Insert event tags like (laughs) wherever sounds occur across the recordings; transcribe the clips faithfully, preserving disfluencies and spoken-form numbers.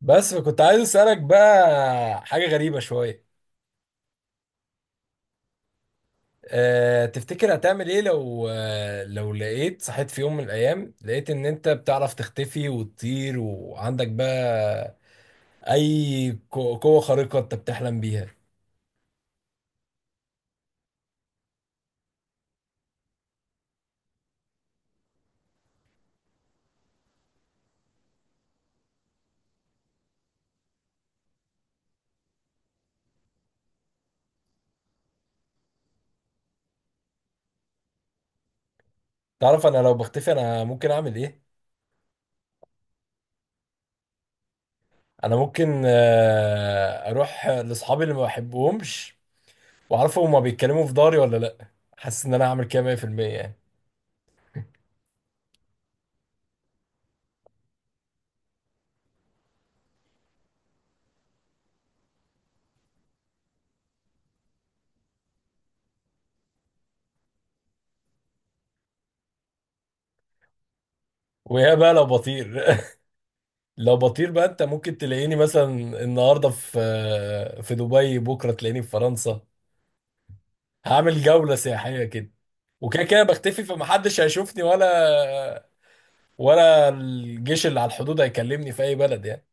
بس فكنت عايز اسالك بقى حاجه غريبه شويه. أه تفتكر هتعمل ايه لو آه، لو لقيت صحيت في يوم من الايام، لقيت ان انت بتعرف تختفي وتطير، وعندك بقى اي قو- قوه خارقه انت بتحلم بيها؟ تعرف انا لو بختفي انا ممكن اعمل ايه؟ انا ممكن آه، اروح لاصحابي اللي ما بحبهمش واعرفهم هما بيتكلموا في داري ولا لا. حاسس ان انا هعمل كده مية في المية يعني. ويا بقى لو بطير، لو بطير بقى انت ممكن تلاقيني مثلا النهارده في في دبي، بكره تلاقيني في فرنسا. هعمل جوله سياحيه كده. وكده كده بختفي فمحدش هيشوفني، ولا ولا الجيش اللي على الحدود هيكلمني في اي بلد يعني.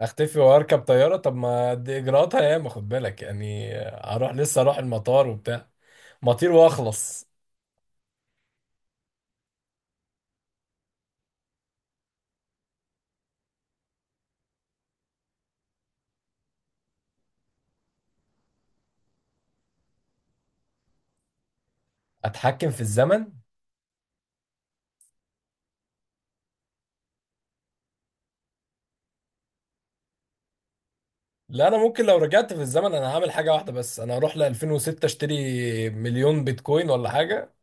اختفي واركب طياره؟ طب ما دي اجراءاتها ياما، خد بالك يعني. اروح لسه اروح المطار وبتاع، مطير واخلص. اتحكم في الزمن؟ لا انا ممكن لو رجعت في الزمن انا هعمل حاجه واحده بس، انا هروح ل ألفين و ستة اشتري مليون بيتكوين ولا حاجه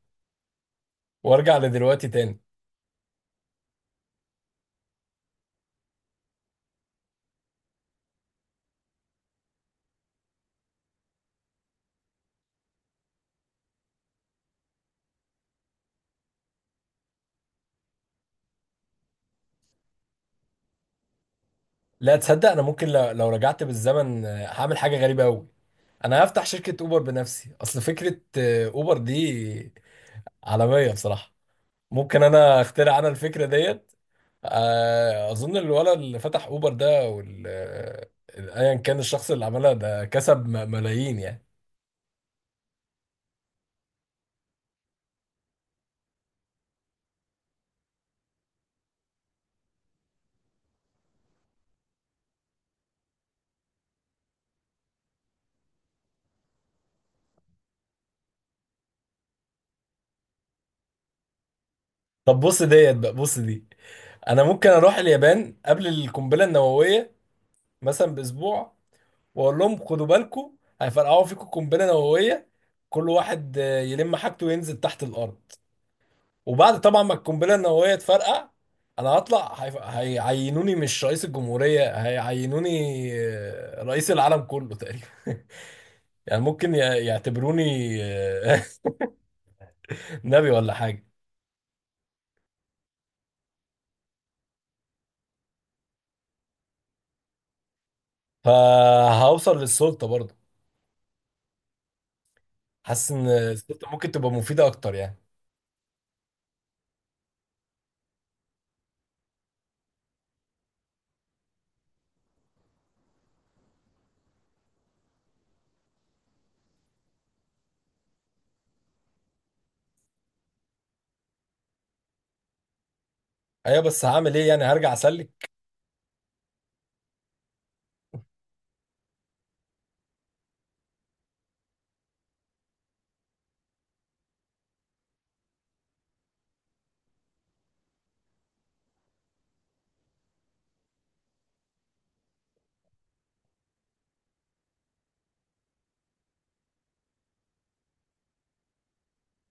وارجع لدلوقتي تاني. لا، تصدق انا ممكن لو لو رجعت بالزمن آه، هعمل حاجه غريبه قوي. انا هفتح شركه اوبر بنفسي. اصل فكره آه، اوبر دي عالميه بصراحه. ممكن انا اخترع انا الفكره ديت. آه، اظن الولد اللي فتح اوبر ده وال آه، ايا كان الشخص اللي عملها ده كسب م- ملايين يعني. طب بص ديت بقى، بص دي. انا ممكن اروح اليابان قبل القنبله النوويه مثلا باسبوع، واقول لهم خدوا بالكم هيفرقعوا فيكم قنبله نوويه، كل واحد آه، يلم حاجته وينزل تحت الارض. وبعد طبعا ما القنبله النوويه تفرقع، انا هطلع هيف- هيعينوني مش رئيس الجمهوريه، هيعينوني آه، رئيس العالم كله تقريبا. (laughs) يعني ممكن ي- يعتبروني آه، (laughs) نبي ولا حاجه. فهوصل للسلطه برضه. حاسس ان السلطه ممكن تبقى مفيده اكتر يعني. ايوه بس هعمل ايه؟ يعني هرجع اسلك؟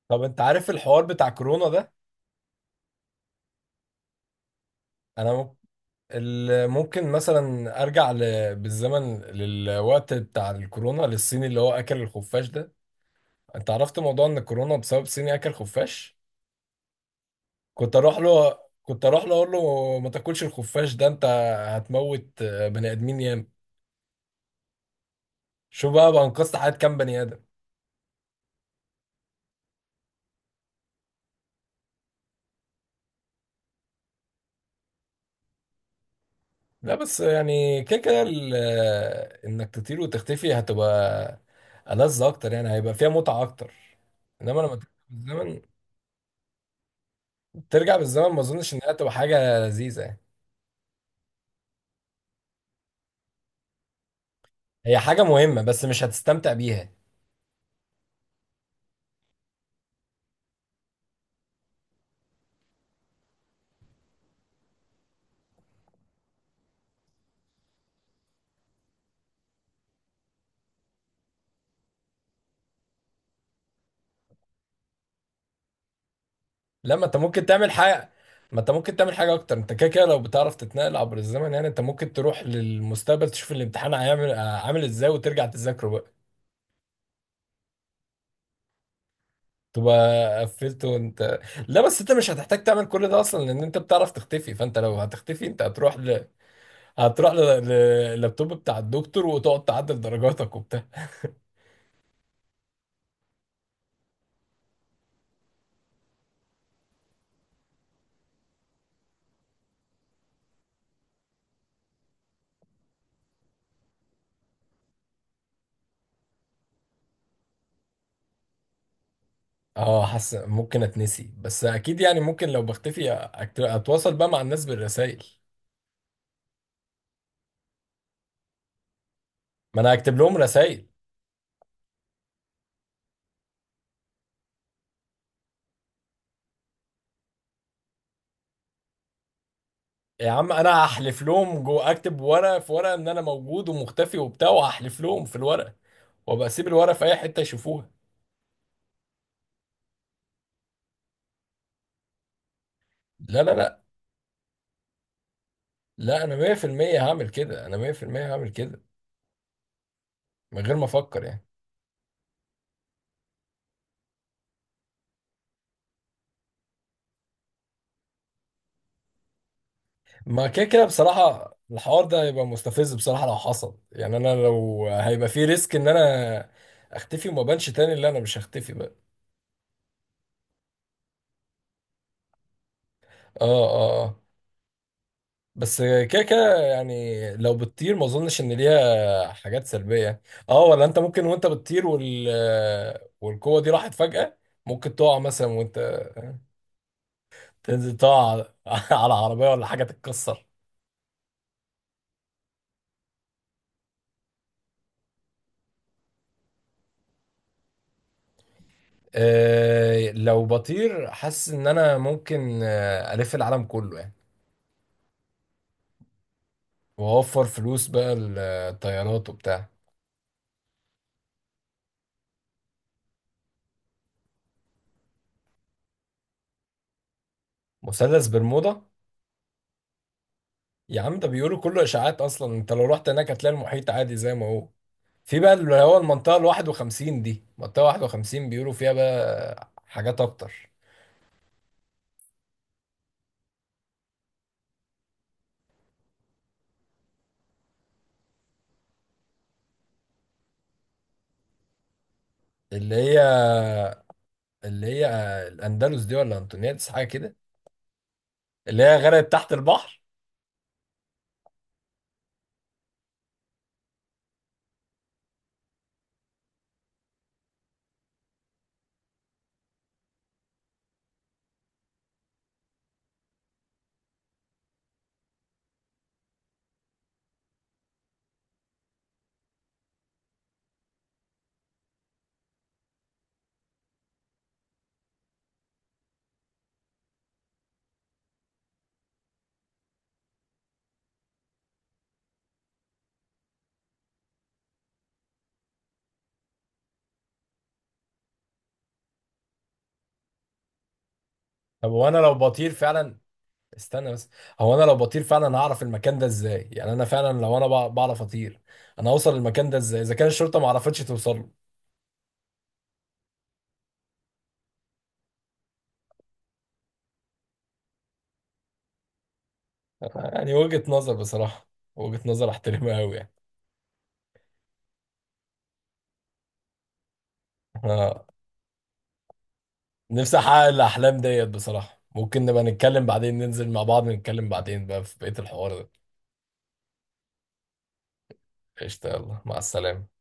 طب انت عارف الحوار بتاع كورونا ده؟ انا ال- ممكن مثلا ارجع ل- بالزمن للوقت بتاع الكورونا، للصيني اللي هو اكل الخفاش ده. انت عرفت موضوع ان الكورونا بسبب صيني اكل خفاش. كنت اروح له كنت اروح له اقول له ما تاكلش الخفاش ده، انت هتموت بني ادمين ياما. شوف بقى، بقى انقذت حياة كام بني ادم. لا بس يعني كده كده ال- انك تطير وتختفي هتبقى ألذ اكتر يعني، هيبقى فيها متعة اكتر. انما لما ترجع بالزمن، ترجع بالزمن ما اظنش انها تبقى حاجة لذيذة يعني. هي حاجة مهمة بس مش هتستمتع بيها. لا، ما انت ممكن تعمل حاجة ما انت ممكن تعمل حاجة اكتر. انت كده كده لو بتعرف تتنقل عبر الزمن، يعني انت ممكن تروح للمستقبل تشوف الامتحان هيعمل عامل ازاي وترجع تذاكره بقى، تبقى قفلته وانت. لا بس انت مش هتحتاج تعمل كل ده اصلا لان انت بتعرف تختفي. فانت لو هتختفي انت هتروح ل... هتروح ل- لللابتوب بتاع الدكتور وتقعد تعدل درجاتك وبتاع. اه، حاسس ممكن اتنسي، بس اكيد يعني ممكن لو بختفي أكت- اتواصل بقى مع الناس بالرسائل. ما انا هكتب لهم رسائل. يا عم انا هحلف لهم، جو اكتب ورقه في ورقه ان انا موجود ومختفي وبتاع، وهحلف لهم في الورقه وابقى اسيب الورقه في اي حته يشوفوها. لا لا لا لا انا مية في المية هعمل كده، انا مية في المية هعمل كده من غير ما افكر يعني. ما كده كده بصراحه الحوار ده هيبقى مستفز بصراحه لو حصل يعني. انا لو هيبقى في ريسك ان انا اختفي وما بانش تاني، اللي انا مش هختفي بقى. اه، اه، آه. بس كده كده يعني لو بتطير ما اظنش ان ليها حاجات سلبية. اه، ولا انت ممكن وانت بتطير وال والقوة دي راحت فجأة، ممكن تقع مثلا وانت تنزل، تقع على (laughs) على عربية ولا حاجة تتكسر. آه لو بطير حاسس ان انا ممكن آه، الف العالم كله يعني، واوفر فلوس بقى الطيارات وبتاع. مثلث برمودا؟ يا عم ده بيقولوا كله اشاعات، اصلا انت لو رحت هناك هتلاقي المحيط عادي زي ما هو. في بقى اللي هو المنطقة ال واحد وخمسين دي، منطقة واحد وخمسين بيقولوا فيها بقى حاجات أكتر. اللي هي اللي هي الأندلس دي ولا أنتونيادس حاجة كده، اللي هي غرقت تحت البحر. طب هو أنا لو بطير فعلا، استنى بس، هو أنا لو بطير فعلا هعرف المكان ده إزاي؟ يعني أنا فعلا لو أنا بع- بعرف أطير، أنا هوصل المكان ده إزاي إذا كان الشرطة ما عرفتش توصل له؟ يعني وجهة نظر بصراحة، وجهة نظر أحترمها أوي يعني. (laughs) نفسي احقق الاحلام ديت بصراحه. ممكن نبقى نتكلم بعدين، ننزل مع بعض نتكلم بعدين بقى في بقيه الحوار ده. قشطه، يلا مع السلامه.